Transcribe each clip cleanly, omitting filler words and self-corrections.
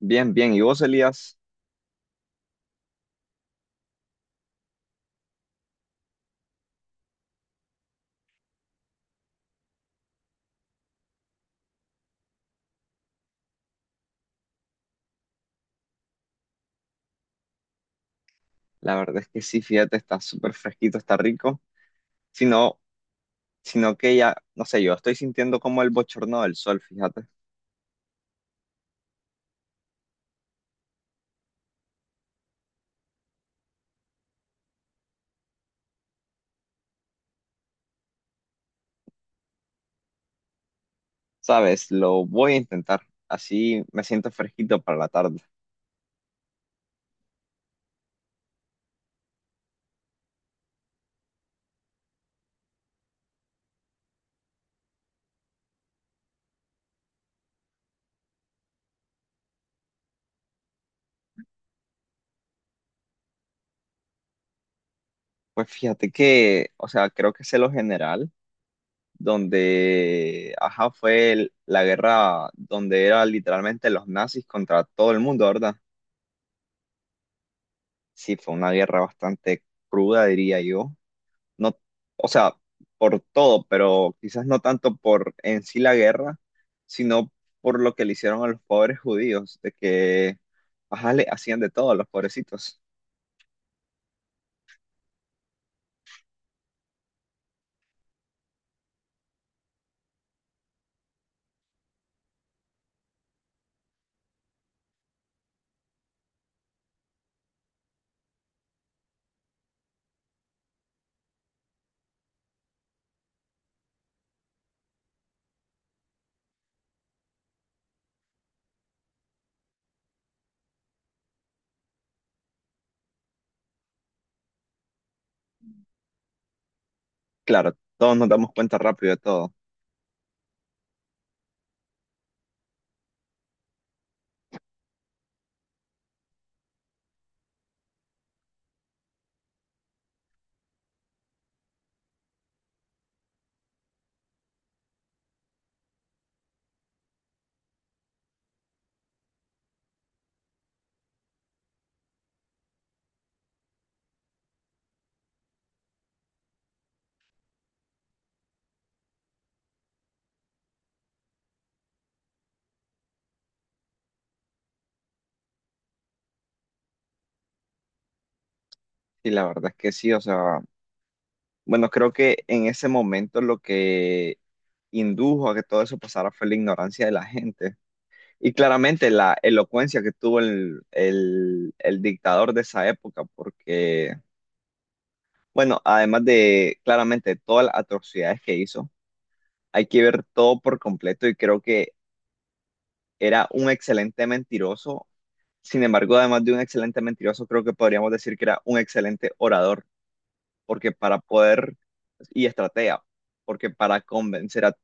Bien, bien. ¿Y vos, Elías? La verdad es que sí, fíjate, está súper fresquito, está rico. Sino, sino que ya, no sé, yo estoy sintiendo como el bochorno del sol, fíjate. Sabes, lo voy a intentar. Así me siento fresquito para la tarde. Pues fíjate que, o sea, creo que sé lo general, donde, ajá, fue la guerra donde era literalmente los nazis contra todo el mundo, ¿verdad? Sí, fue una guerra bastante cruda, diría yo. No, o sea, por todo, pero quizás no tanto por en sí la guerra, sino por lo que le hicieron a los pobres judíos, de que, ajá, le hacían de todo a los pobrecitos. Claro, todos nos damos cuenta rápido de todo. Y la verdad es que sí, o sea, bueno, creo que en ese momento lo que indujo a que todo eso pasara fue la ignorancia de la gente. Y claramente la elocuencia que tuvo el dictador de esa época, porque bueno, además de claramente todas las atrocidades que hizo, hay que ver todo por completo y creo que era un excelente mentiroso. Sin embargo, además de un excelente mentiroso, creo que podríamos decir que era un excelente orador, porque para poder y estratega, porque para convencer a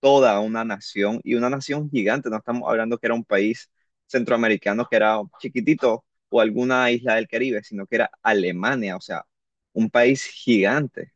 toda una nación y una nación gigante, no estamos hablando que era un país centroamericano que era chiquitito o alguna isla del Caribe, sino que era Alemania, o sea, un país gigante,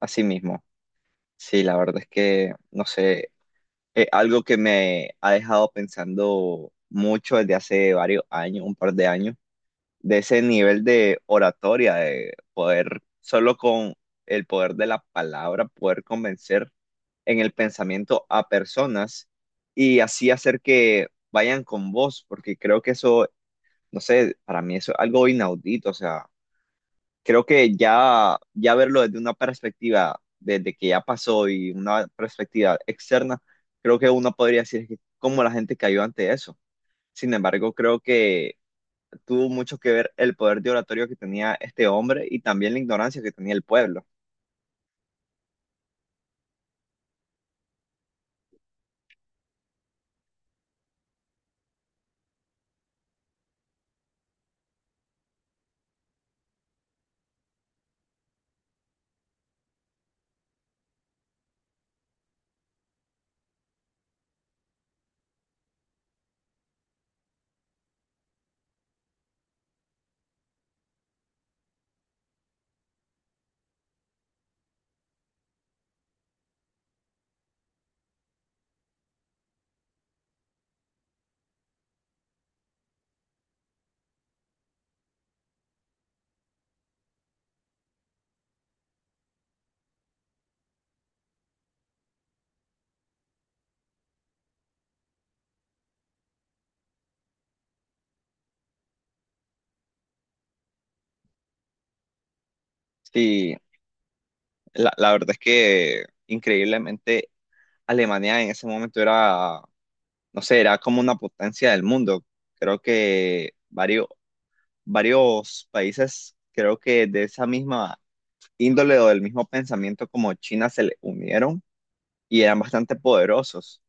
así mismo. Sí, la verdad es que, no sé, algo que me ha dejado pensando mucho desde hace varios años, un par de años, de ese nivel de oratoria, de poder, solo con el poder de la palabra, poder convencer en el pensamiento a personas y así hacer que vayan con vos, porque creo que eso, no sé, para mí eso es algo inaudito, o sea creo que ya, ya verlo desde una perspectiva, desde que ya pasó y una perspectiva externa, creo que uno podría decir que cómo la gente cayó ante eso. Sin embargo, creo que tuvo mucho que ver el poder de oratorio que tenía este hombre y también la ignorancia que tenía el pueblo. Sí, la verdad es que increíblemente Alemania en ese momento era, no sé, era como una potencia del mundo. Creo que varios países, creo que de esa misma índole o del mismo pensamiento como China se le unieron y eran bastante poderosos.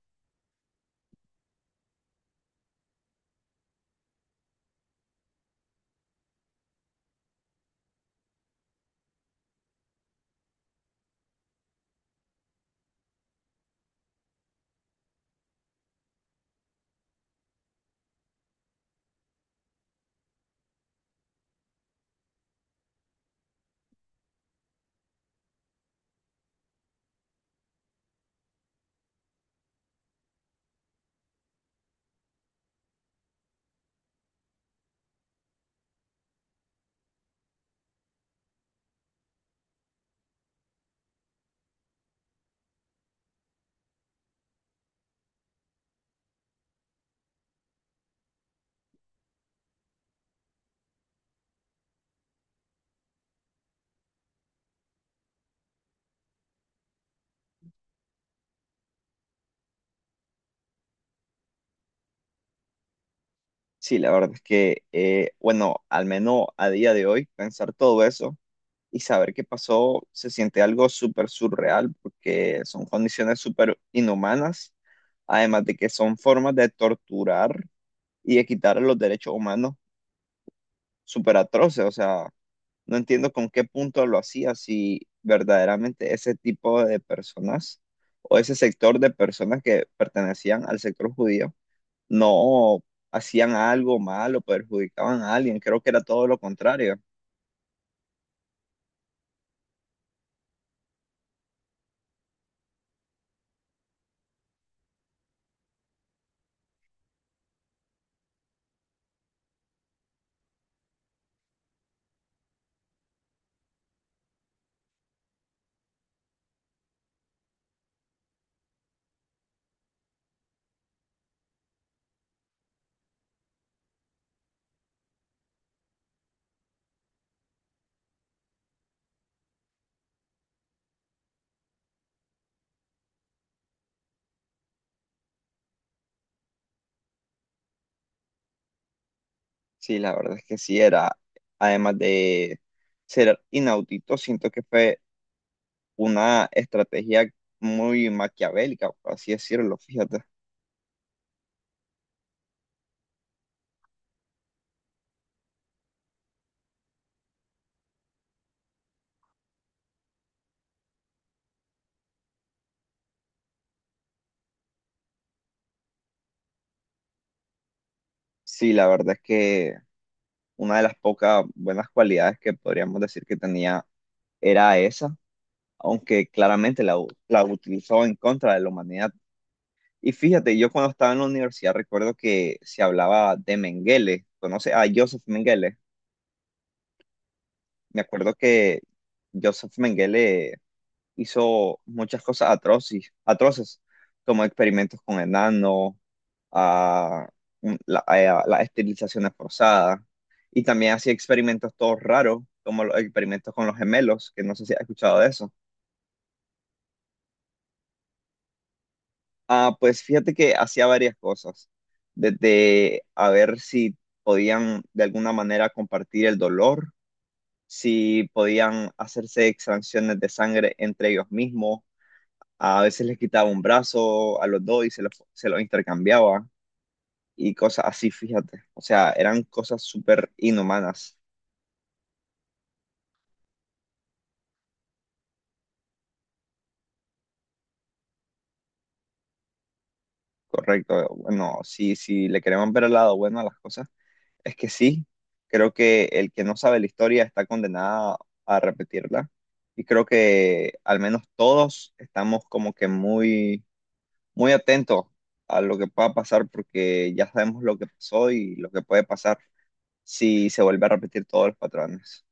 Sí, la verdad es que, bueno, al menos a día de hoy, pensar todo eso y saber qué pasó se siente algo súper surreal porque son condiciones súper inhumanas, además de que son formas de torturar y de quitar los derechos humanos súper atroces. O sea, no entiendo con qué punto lo hacía, si verdaderamente ese tipo de personas o ese sector de personas que pertenecían al sector judío no hacían algo malo, perjudicaban a alguien. Creo que era todo lo contrario. Sí, la verdad es que sí era, además de ser inaudito, siento que fue una estrategia muy maquiavélica, por así decirlo, fíjate. Sí, la verdad es que una de las pocas buenas cualidades que podríamos decir que tenía era esa, aunque claramente la utilizó en contra de la humanidad. Y fíjate, yo cuando estaba en la universidad recuerdo que se hablaba de Mengele, conoce a Joseph Mengele. Me acuerdo que Joseph Mengele hizo muchas cosas atroces, atroces, como experimentos con enanos, a a las esterilizaciones forzadas y también hacía experimentos todos raros, como los experimentos con los gemelos, que no sé si has escuchado de eso. Ah, pues fíjate que hacía varias cosas, desde a ver si podían de alguna manera compartir el dolor, si podían hacerse extracciones de sangre entre ellos mismos, a veces les quitaba un brazo a los dos y se los intercambiaba y cosas así, fíjate. O sea, eran cosas súper inhumanas, correcto. Bueno, si, si le queremos ver el lado bueno a las cosas, es que sí, creo que el que no sabe la historia está condenado a repetirla. Y creo que al menos todos estamos como que muy, muy atentos a lo que pueda pasar porque ya sabemos lo que pasó y lo que puede pasar si se vuelve a repetir todos los patrones.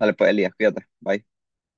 Dale, pues, Elías, cuídate. Bye.